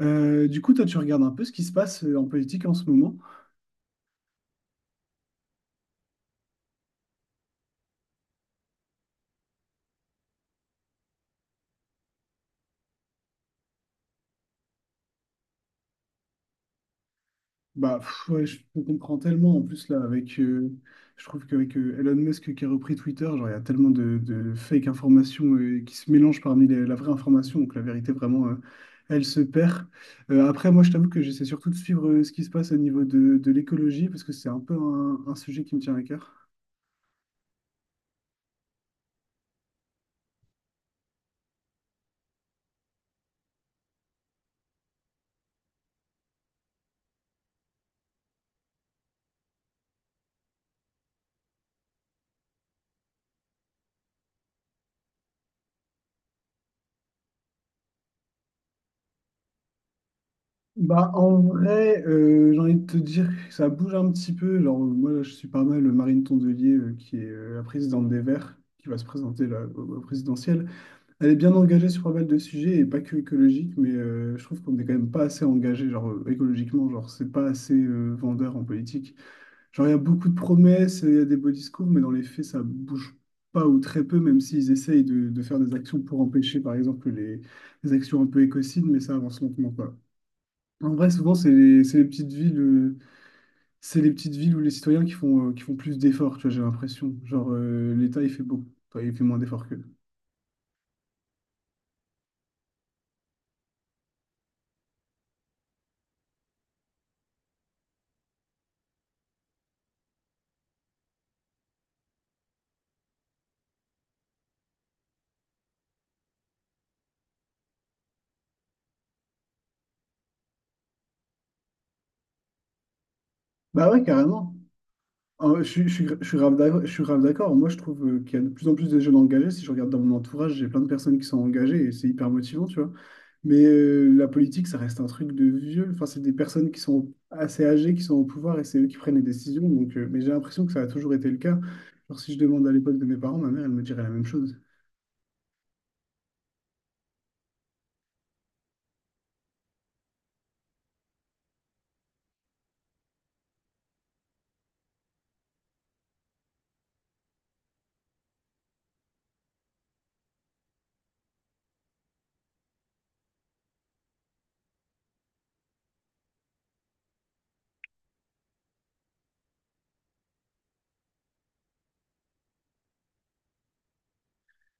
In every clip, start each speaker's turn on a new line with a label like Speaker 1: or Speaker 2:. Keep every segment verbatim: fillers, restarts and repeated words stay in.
Speaker 1: Euh, du coup, toi, tu regardes un peu ce qui se passe euh, en politique en ce moment. Bah, pff, ouais, je te comprends tellement. En plus, là, avec, euh, je trouve qu'avec euh, Elon Musk qui a repris Twitter, genre, il y a tellement de, de fake informations euh, qui se mélangent parmi les- la vraie information. Donc, la vérité, vraiment, euh, elle se perd. Euh, après, moi, je t'avoue que j'essaie surtout de suivre euh, ce qui se passe au niveau de, de l'écologie parce que c'est un peu un, un sujet qui me tient à cœur. Bah, en vrai, euh, j'ai envie de te dire que ça bouge un petit peu. Genre, euh, moi, là, je suis pas mal le Marine Tondelier, euh, qui est euh, la présidente des Verts, qui va se présenter là, au, au présidentiel. Elle est bien engagée sur pas mal de sujets, et pas que écologique, mais euh, je trouve qu'on n'est quand même pas assez engagé, genre euh, écologiquement, genre c'est pas assez euh, vendeur en politique. Genre, il y a beaucoup de promesses, il y a des beaux discours, mais dans les faits, ça bouge pas ou très peu, même s'ils essayent de, de faire des actions pour empêcher, par exemple, les, les actions un peu écocides, mais ça avance lentement. En vrai, souvent, c'est les, c'est les petites villes, euh, c'est les petites villes où les citoyens qui font, euh, qui font plus d'efforts, tu vois, j'ai l'impression. Genre, euh, L'État, il fait beaucoup. Enfin, il fait moins d'efforts qu'eux. Bah ouais, carrément. En vrai, je, suis- je, suis gra- je suis grave d'accord. Je suis grave d'accord. Moi, je trouve euh, qu'il y a de plus en plus de jeunes engagés. Si je regarde dans mon entourage, j'ai plein de personnes qui sont engagées et c'est hyper motivant, tu vois. Mais euh, la politique, ça reste un truc de vieux. Enfin, c'est des personnes qui sont assez âgées, qui sont au pouvoir et c'est eux qui prennent les décisions. Donc, euh, mais j'ai l'impression que ça a toujours été le cas. Genre, si je demande à l'époque de mes parents, ma mère, elle me dirait la même chose.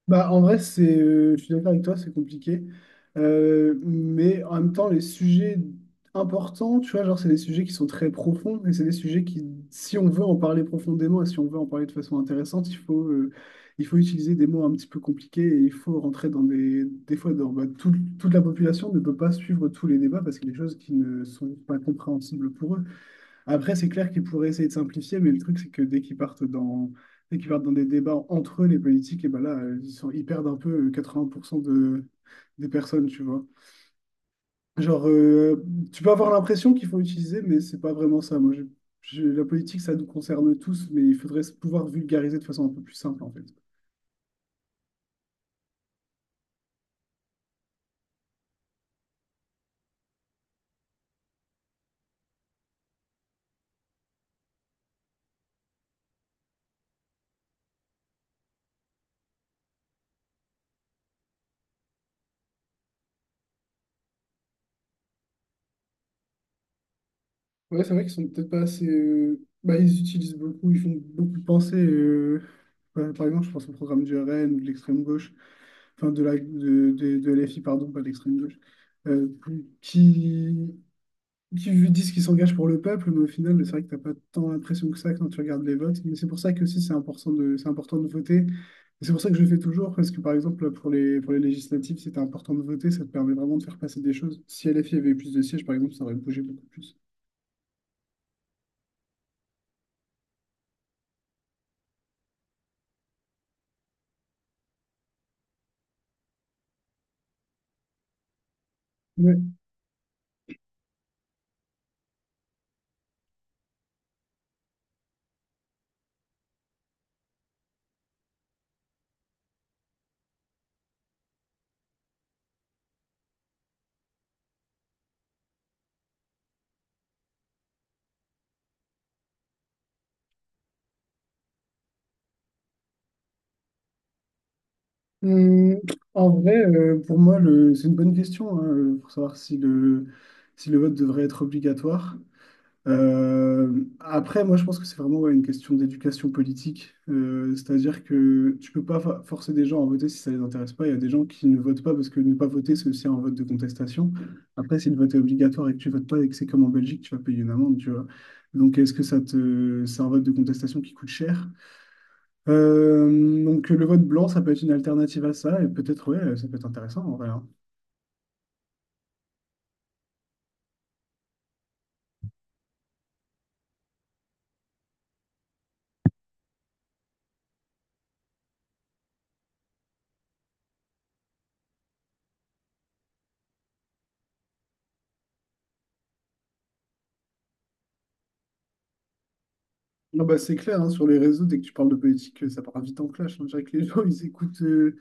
Speaker 1: Bah, en vrai, c'est, euh, je suis d'accord avec toi, c'est compliqué. Euh, mais en même temps, les sujets importants, tu vois, genre, c'est des sujets qui sont très profonds et c'est des sujets qui, si on veut en parler profondément et si on veut en parler de façon intéressante, il faut, euh, il faut utiliser des mots un petit peu compliqués et il faut rentrer dans des, des fois, dans, bah, tout- toute la population ne peut pas suivre tous les débats parce qu'il y a des choses qui ne sont pas compréhensibles pour eux. Après, c'est clair qu'ils pourraient essayer de simplifier, mais le truc, c'est que dès qu'ils partent dans, dès qu'ils partent dans des débats entre eux, les politiques, et ben là, euh, ils sont, ils perdent un peu euh, quatre-vingts pour cent de, des personnes, tu vois. Genre, euh, tu peux avoir l'impression qu'il faut utiliser, mais c'est pas vraiment ça. Moi, je- je- la politique, ça nous concerne tous, mais il faudrait se- pouvoir vulgariser de façon un peu plus simple, en fait. Ouais, c'est vrai qu'ils sont peut-être pas assez. euh, Bah, ils utilisent beaucoup, ils font beaucoup penser. Euh, bah, par exemple, je pense au programme du R N ou de l'extrême gauche, enfin de la de, de, de L F I, pardon, pas de l'extrême gauche, euh, qui, qui disent qu'ils s'engagent pour le peuple, mais au final, c'est vrai que t'as pas tant l'impression que ça quand tu regardes les votes. Mais c'est pour ça que aussi c'est important de, c'est important de voter. Et c'est pour ça que je le fais toujours, parce que par exemple, pour les, pour les législatives, c'était important de voter, ça te permet vraiment de faire passer des choses. Si L F I avait eu plus de sièges, par exemple, ça aurait bougé beaucoup plus. Hum, en vrai, euh, pour moi, le, c'est une bonne question hein, euh, pour savoir si le, si le vote devrait être obligatoire. Euh, après, moi, je pense que c'est vraiment ouais, une question d'éducation politique. Euh, c'est-à-dire que tu peux pas fa- forcer des gens à voter si ça les intéresse pas. Il y a des gens qui ne votent pas parce que ne pas voter, c'est aussi un vote de contestation. Après, si le vote est obligatoire et que tu votes pas et que c'est comme en Belgique, tu vas payer une amende, tu vois. Donc, est-ce que ça te, c'est un vote de contestation qui coûte cher? Euh, donc le vote blanc, ça peut être une alternative à ça, et peut-être, ouais, ça peut être intéressant en vrai, hein. Non, bah, c'est clair, hein, sur les réseaux, dès que tu parles de politique, euh, ça part vite en clash, hein. Je dirais que les gens, ils écoutent euh,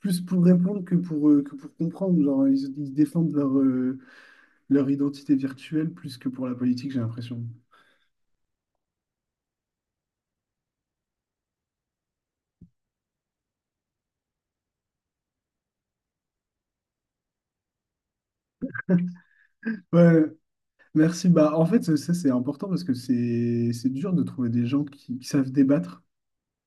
Speaker 1: plus pour répondre que pour, euh, que pour comprendre. Genre, ils, ils défendent leur, euh, leur identité virtuelle plus que pour la politique, j'ai l'impression. Ouais, merci. Bah, en fait, ça, c'est important parce que c'est c'est dur de trouver des gens qui, qui savent débattre.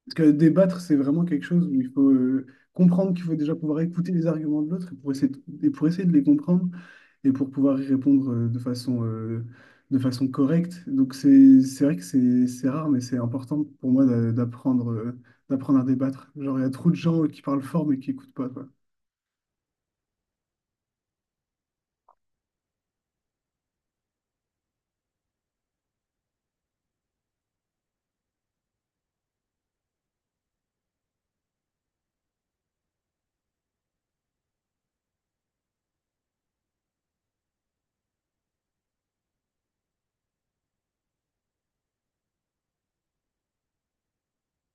Speaker 1: Parce que débattre, c'est vraiment quelque chose où il faut euh, comprendre qu'il faut déjà pouvoir écouter les arguments de l'autre et pour essayer de, et pour essayer de les comprendre et pour pouvoir y répondre euh, de façon, euh, de façon correcte. Donc, c'est c'est vrai que c'est c'est rare, mais c'est important pour moi d'a- d'apprendre euh, d'apprendre à débattre. Genre, il y a trop de gens qui parlent fort mais qui n'écoutent pas, quoi.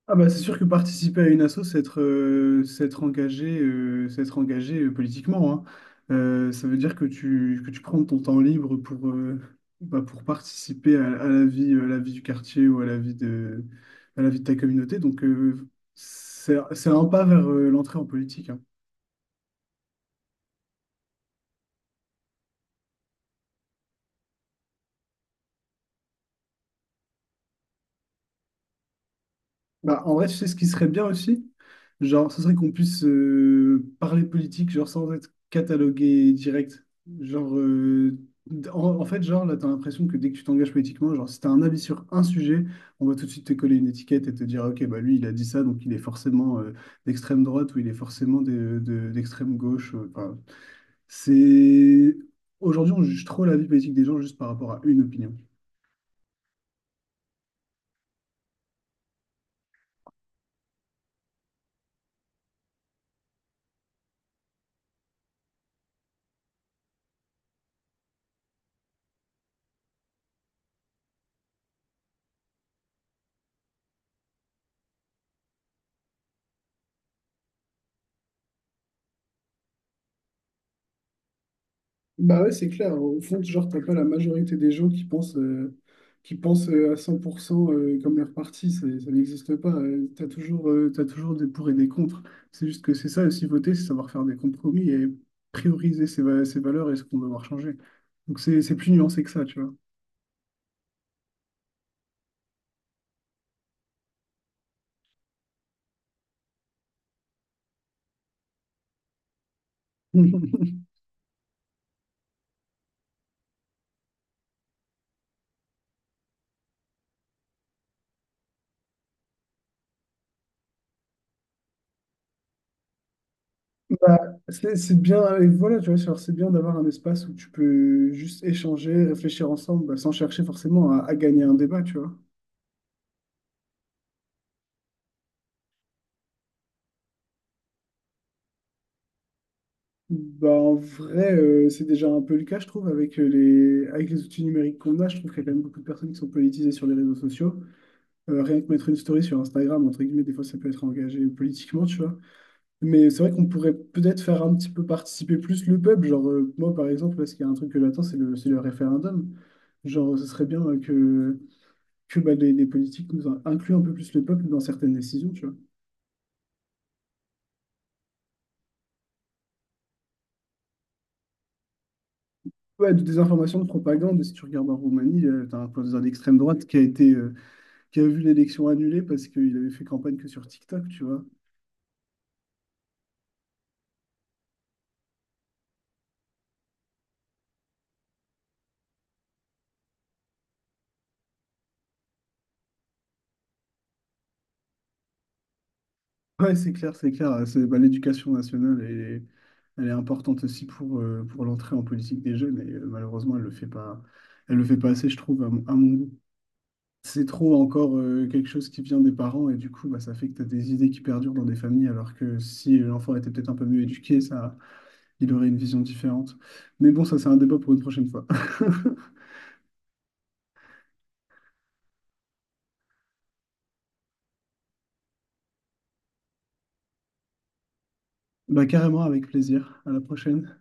Speaker 1: Ah bah c'est sûr que participer à une asso, c'est être, euh, c'est être engagé, euh, c'est être engagé euh, politiquement, hein. Euh, ça veut dire que tu, que tu prends ton temps libre pour, euh, bah, pour participer à, à la vie, à la vie du quartier ou à la vie de, à la vie de ta communauté. Donc euh, c'est, c'est un pas vers euh, l'entrée en politique, hein. Bah, en vrai, tu sais ce qui serait bien aussi? Genre, ce serait qu'on puisse euh, parler politique, genre sans être catalogué direct. Genre, euh, en, en fait, genre, là, t'as l'impression que dès que tu t'engages politiquement, genre, si t'as un avis sur un sujet, on va tout de suite te coller une étiquette et te dire, OK, bah lui, il a dit ça, donc il est forcément euh, d'extrême droite ou il est forcément de- de- d'extrême gauche. euh, Enfin, c'est... Aujourd'hui, on juge trop la vie politique des gens juste par rapport à une opinion. Bah ouais, c'est clair. Au fond, genre, t'as pas la majorité des gens qui pensent, euh, qui pensent euh, à cent pour cent euh, comme leur parti. Ça, ça n'existe pas. Euh, T'as toujours, euh, t'as toujours des pour et des contre. C'est juste que c'est ça aussi, voter, c'est savoir faire des compromis et prioriser ses, va- ses valeurs et ce qu'on va devoir changer. Donc c'est c'est plus nuancé que ça, tu vois. Bah, c'est c'est bien, et voilà, tu vois, genre, c'est bien d'avoir un espace où tu peux juste échanger, réfléchir ensemble, bah, sans chercher forcément à, à gagner un débat, tu vois. Bah, en vrai, euh, c'est déjà un peu le cas, je trouve, avec euh, les, avec les outils numériques qu'on a. Je trouve qu'il y a quand même beaucoup de personnes qui sont politisées sur les réseaux sociaux. Euh, rien que mettre une story sur Instagram, entre guillemets, des fois, ça peut être engagé politiquement, tu vois. Mais c'est vrai qu'on pourrait peut-être faire un petit peu participer plus le peuple. Genre, euh, moi, par exemple, là, ce qu'il y a un truc que j'attends, c'est le, c'est le référendum. Genre, ce serait bien euh, que, que bah, les, les politiques nous in- incluent un peu plus le peuple dans certaines décisions, tu vois. Ouais, de désinformation, de propagande. Si tu regardes en Roumanie, tu as un président d'extrême droite qui a été euh, qui a vu l'élection annulée parce qu'il avait fait campagne que sur TikTok, tu vois. Ouais, c'est clair, c'est clair. C'est, bah, l'éducation nationale, elle est, elle est importante aussi pour, euh, pour l'entrée en politique des jeunes et euh, malheureusement, elle le fait pas, elle le fait pas assez, je trouve, à mon, à mon goût. C'est trop encore euh, quelque chose qui vient des parents et du coup, bah, ça fait que tu as des idées qui perdurent dans des familles alors que si l'enfant était peut-être un peu mieux éduqué, ça, il aurait une vision différente. Mais bon, ça, c'est un débat pour une prochaine fois. Bah, carrément, avec plaisir. À la prochaine.